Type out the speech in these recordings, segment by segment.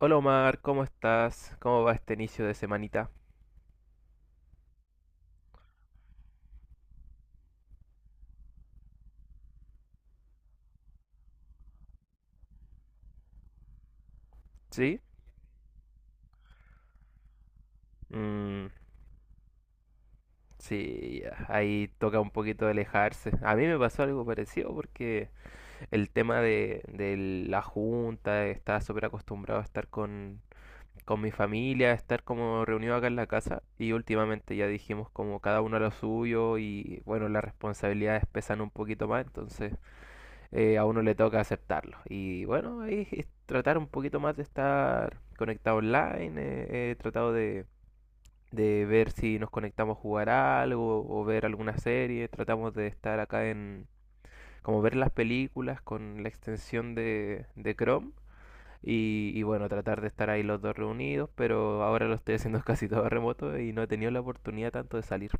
Hola Omar, ¿cómo estás? ¿Cómo va este inicio de semanita? ¿Sí? Mm, sí, ya, ahí toca un poquito alejarse. A mí me pasó algo parecido porque el tema de la junta, estaba súper acostumbrado a estar con mi familia, a estar como reunido acá en la casa y últimamente ya dijimos como cada uno a lo suyo y bueno, las responsabilidades pesan un poquito más, entonces a uno le toca aceptarlo. Y bueno, ahí es tratar un poquito más de estar conectado online, he tratado de ver si nos conectamos a jugar algo o ver alguna serie, tratamos de estar acá como ver las películas con la extensión de Chrome. Y bueno, tratar de estar ahí los dos reunidos, pero ahora lo estoy haciendo casi todo remoto y no he tenido la oportunidad tanto de salir.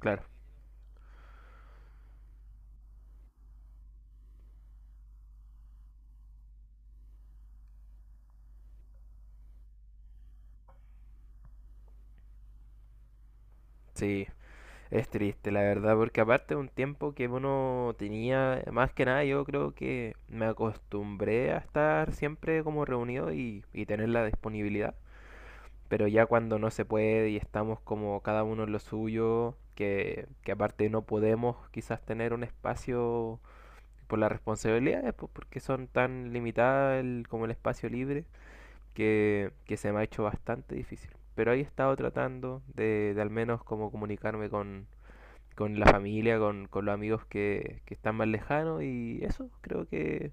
Claro, sí. Es triste, la verdad, porque aparte de un tiempo que uno tenía, más que nada yo creo que me acostumbré a estar siempre como reunido y tener la disponibilidad. Pero ya cuando no se puede y estamos como cada uno en lo suyo, que aparte no podemos quizás tener un espacio por las responsabilidades, pues, porque son tan limitadas como el espacio libre, que se me ha hecho bastante difícil. Pero ahí he estado tratando de al menos como comunicarme con la familia, con los amigos que están más lejanos y eso creo que,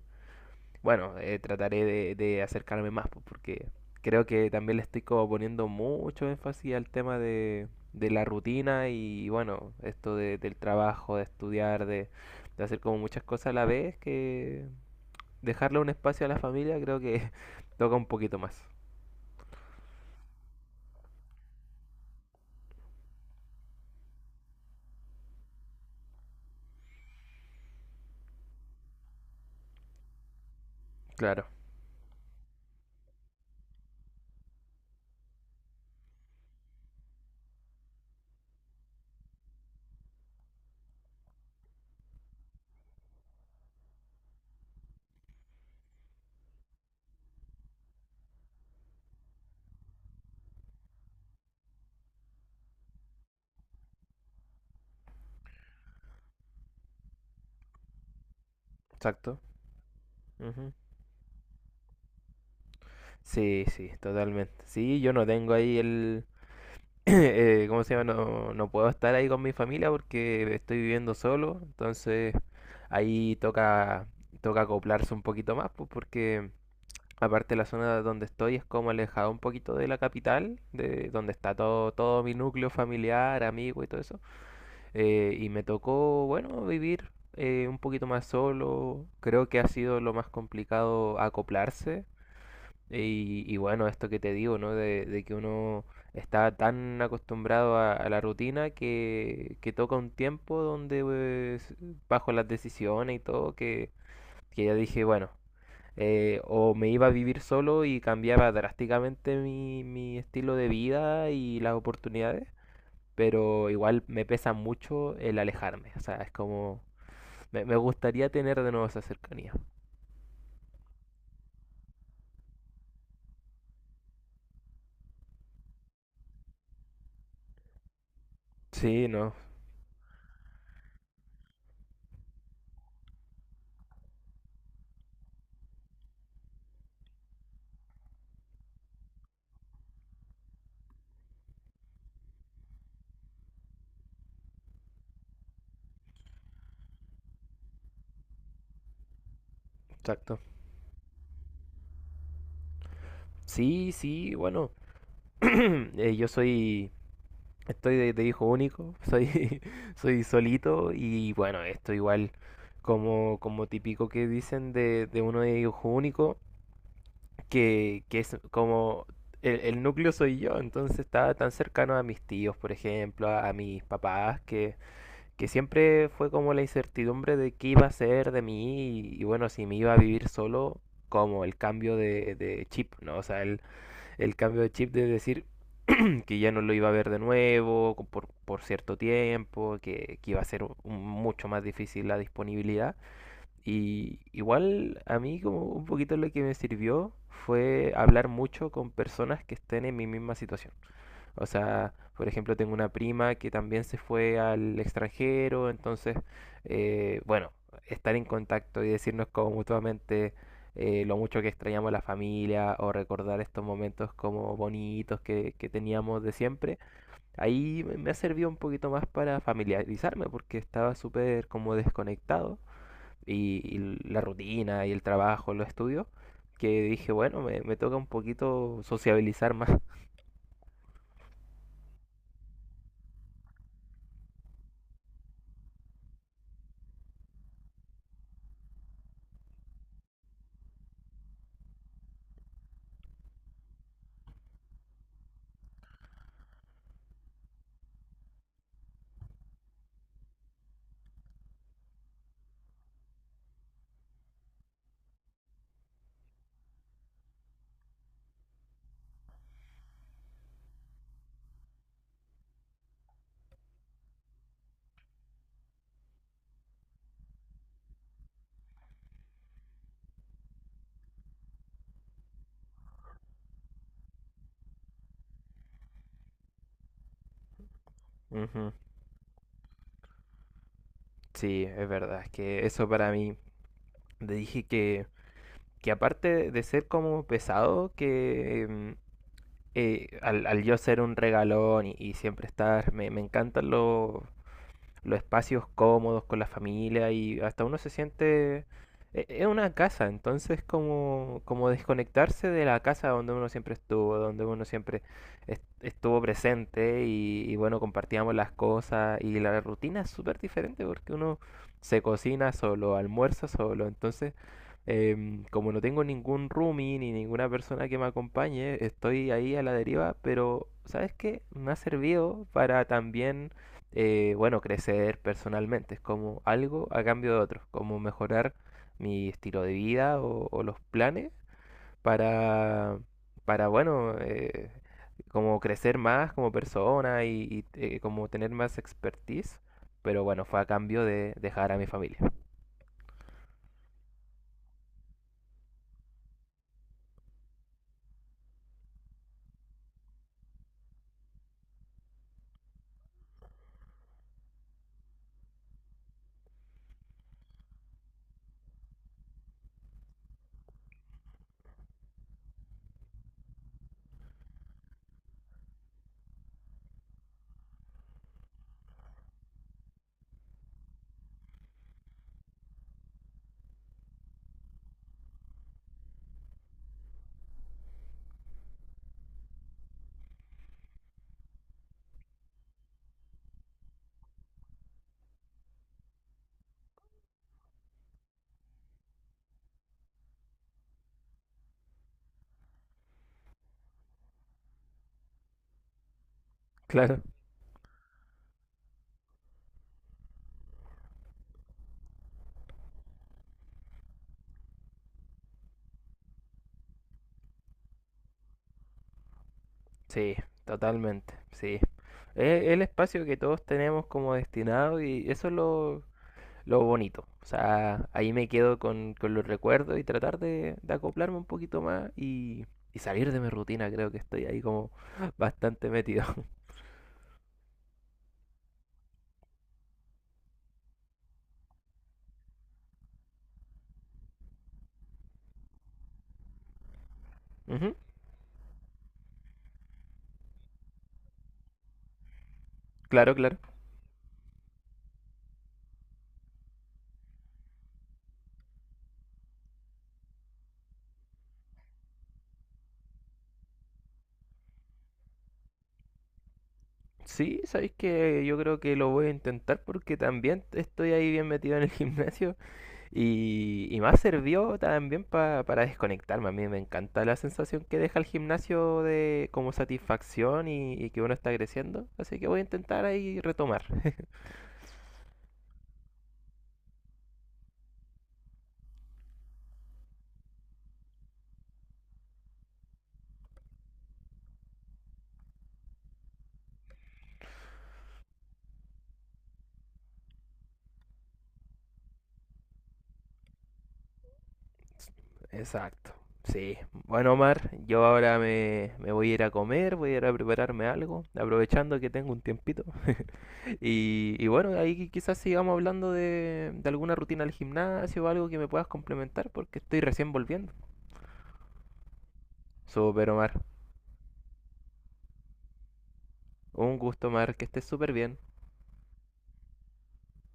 bueno, trataré de acercarme más pues, porque creo que también le estoy como poniendo mucho énfasis al tema de la rutina y bueno, esto del trabajo, de estudiar, de hacer como muchas cosas a la vez, que dejarle un espacio a la familia creo que toca un poquito más. Claro, exacto. Ujú. Sí, sí, totalmente. Sí, yo no tengo ahí ¿cómo se llama? No, no puedo estar ahí con mi familia porque estoy viviendo solo, entonces ahí toca, toca acoplarse un poquito más, pues porque aparte la zona donde estoy es como alejada un poquito de la capital, de donde está todo, todo mi núcleo familiar, amigo y todo eso, y me tocó, bueno, vivir un poquito más solo, creo que ha sido lo más complicado acoplarse y bueno, esto que te digo, ¿no? De que uno está tan acostumbrado a la rutina que toca un tiempo donde pues, bajo las decisiones y todo, que ya dije, bueno, o me iba a vivir solo y cambiaba drásticamente mi estilo de vida y las oportunidades, pero igual me pesa mucho el alejarme, o sea, es como, me gustaría tener de nuevo esa cercanía. Sí, no, exacto. Sí, sí, bueno. Eh, yo soy, estoy de hijo único, soy, soy solito y bueno, esto igual como, como típico que dicen de uno de hijo único, que es como el núcleo soy yo, entonces estaba tan cercano a mis tíos, por ejemplo, a mis papás, que siempre fue como la incertidumbre de qué iba a ser de mí y bueno, si me iba a vivir solo, como el cambio de chip, ¿no? O sea, el cambio de chip de decir que ya no lo iba a ver de nuevo por cierto tiempo, que iba a ser mucho más difícil la disponibilidad. Y igual a mí como un poquito lo que me sirvió fue hablar mucho con personas que estén en mi misma situación. O sea, por ejemplo, tengo una prima que también se fue al extranjero, entonces, bueno, estar en contacto y decirnos como mutuamente lo mucho que extrañamos a la familia o recordar estos momentos como bonitos que teníamos de siempre, ahí me ha servido un poquito más para familiarizarme porque estaba súper como desconectado y la rutina y el trabajo, los estudios, que dije, bueno, me toca un poquito sociabilizar más. Ujú. Sí, es verdad, es que eso para mí, te dije que aparte de ser como pesado, que al yo ser un regalón y siempre estar, me encantan los espacios cómodos con la familia y hasta uno se siente... Es una casa, entonces como, como desconectarse de la casa donde uno siempre estuvo, donde uno siempre estuvo presente y bueno, compartíamos las cosas y la rutina es súper diferente porque uno se cocina solo, almuerza solo, entonces como no tengo ningún roomie ni ninguna persona que me acompañe, estoy ahí a la deriva, pero ¿sabes qué? Me ha servido para también bueno, crecer personalmente, es como algo a cambio de otro, como mejorar mi estilo de vida o los planes para, para bueno, como crecer más como persona y como tener más expertise, pero bueno, fue a cambio de dejar a mi familia. Claro. Sí, totalmente, sí. Es el espacio que todos tenemos como destinado y eso es lo bonito. O sea, ahí me quedo con los recuerdos y tratar de acoplarme un poquito más y salir de mi rutina. Creo que estoy ahí como bastante metido. Ujú, claro, claro. Sí, sabéis que yo creo que lo voy a intentar porque también estoy ahí bien metido en el gimnasio y me ha servido también para desconectarme. A mí me encanta la sensación que deja el gimnasio de como satisfacción y que uno está creciendo. Así que voy a intentar ahí retomar. Exacto. Sí. Bueno, Omar, yo ahora me voy a ir a comer, voy a ir a prepararme algo, aprovechando que tengo un tiempito. Y bueno, ahí quizás sigamos hablando de alguna rutina al gimnasio o algo que me puedas complementar, porque estoy recién volviendo. Súper, Omar. Un gusto, Omar, que estés súper bien.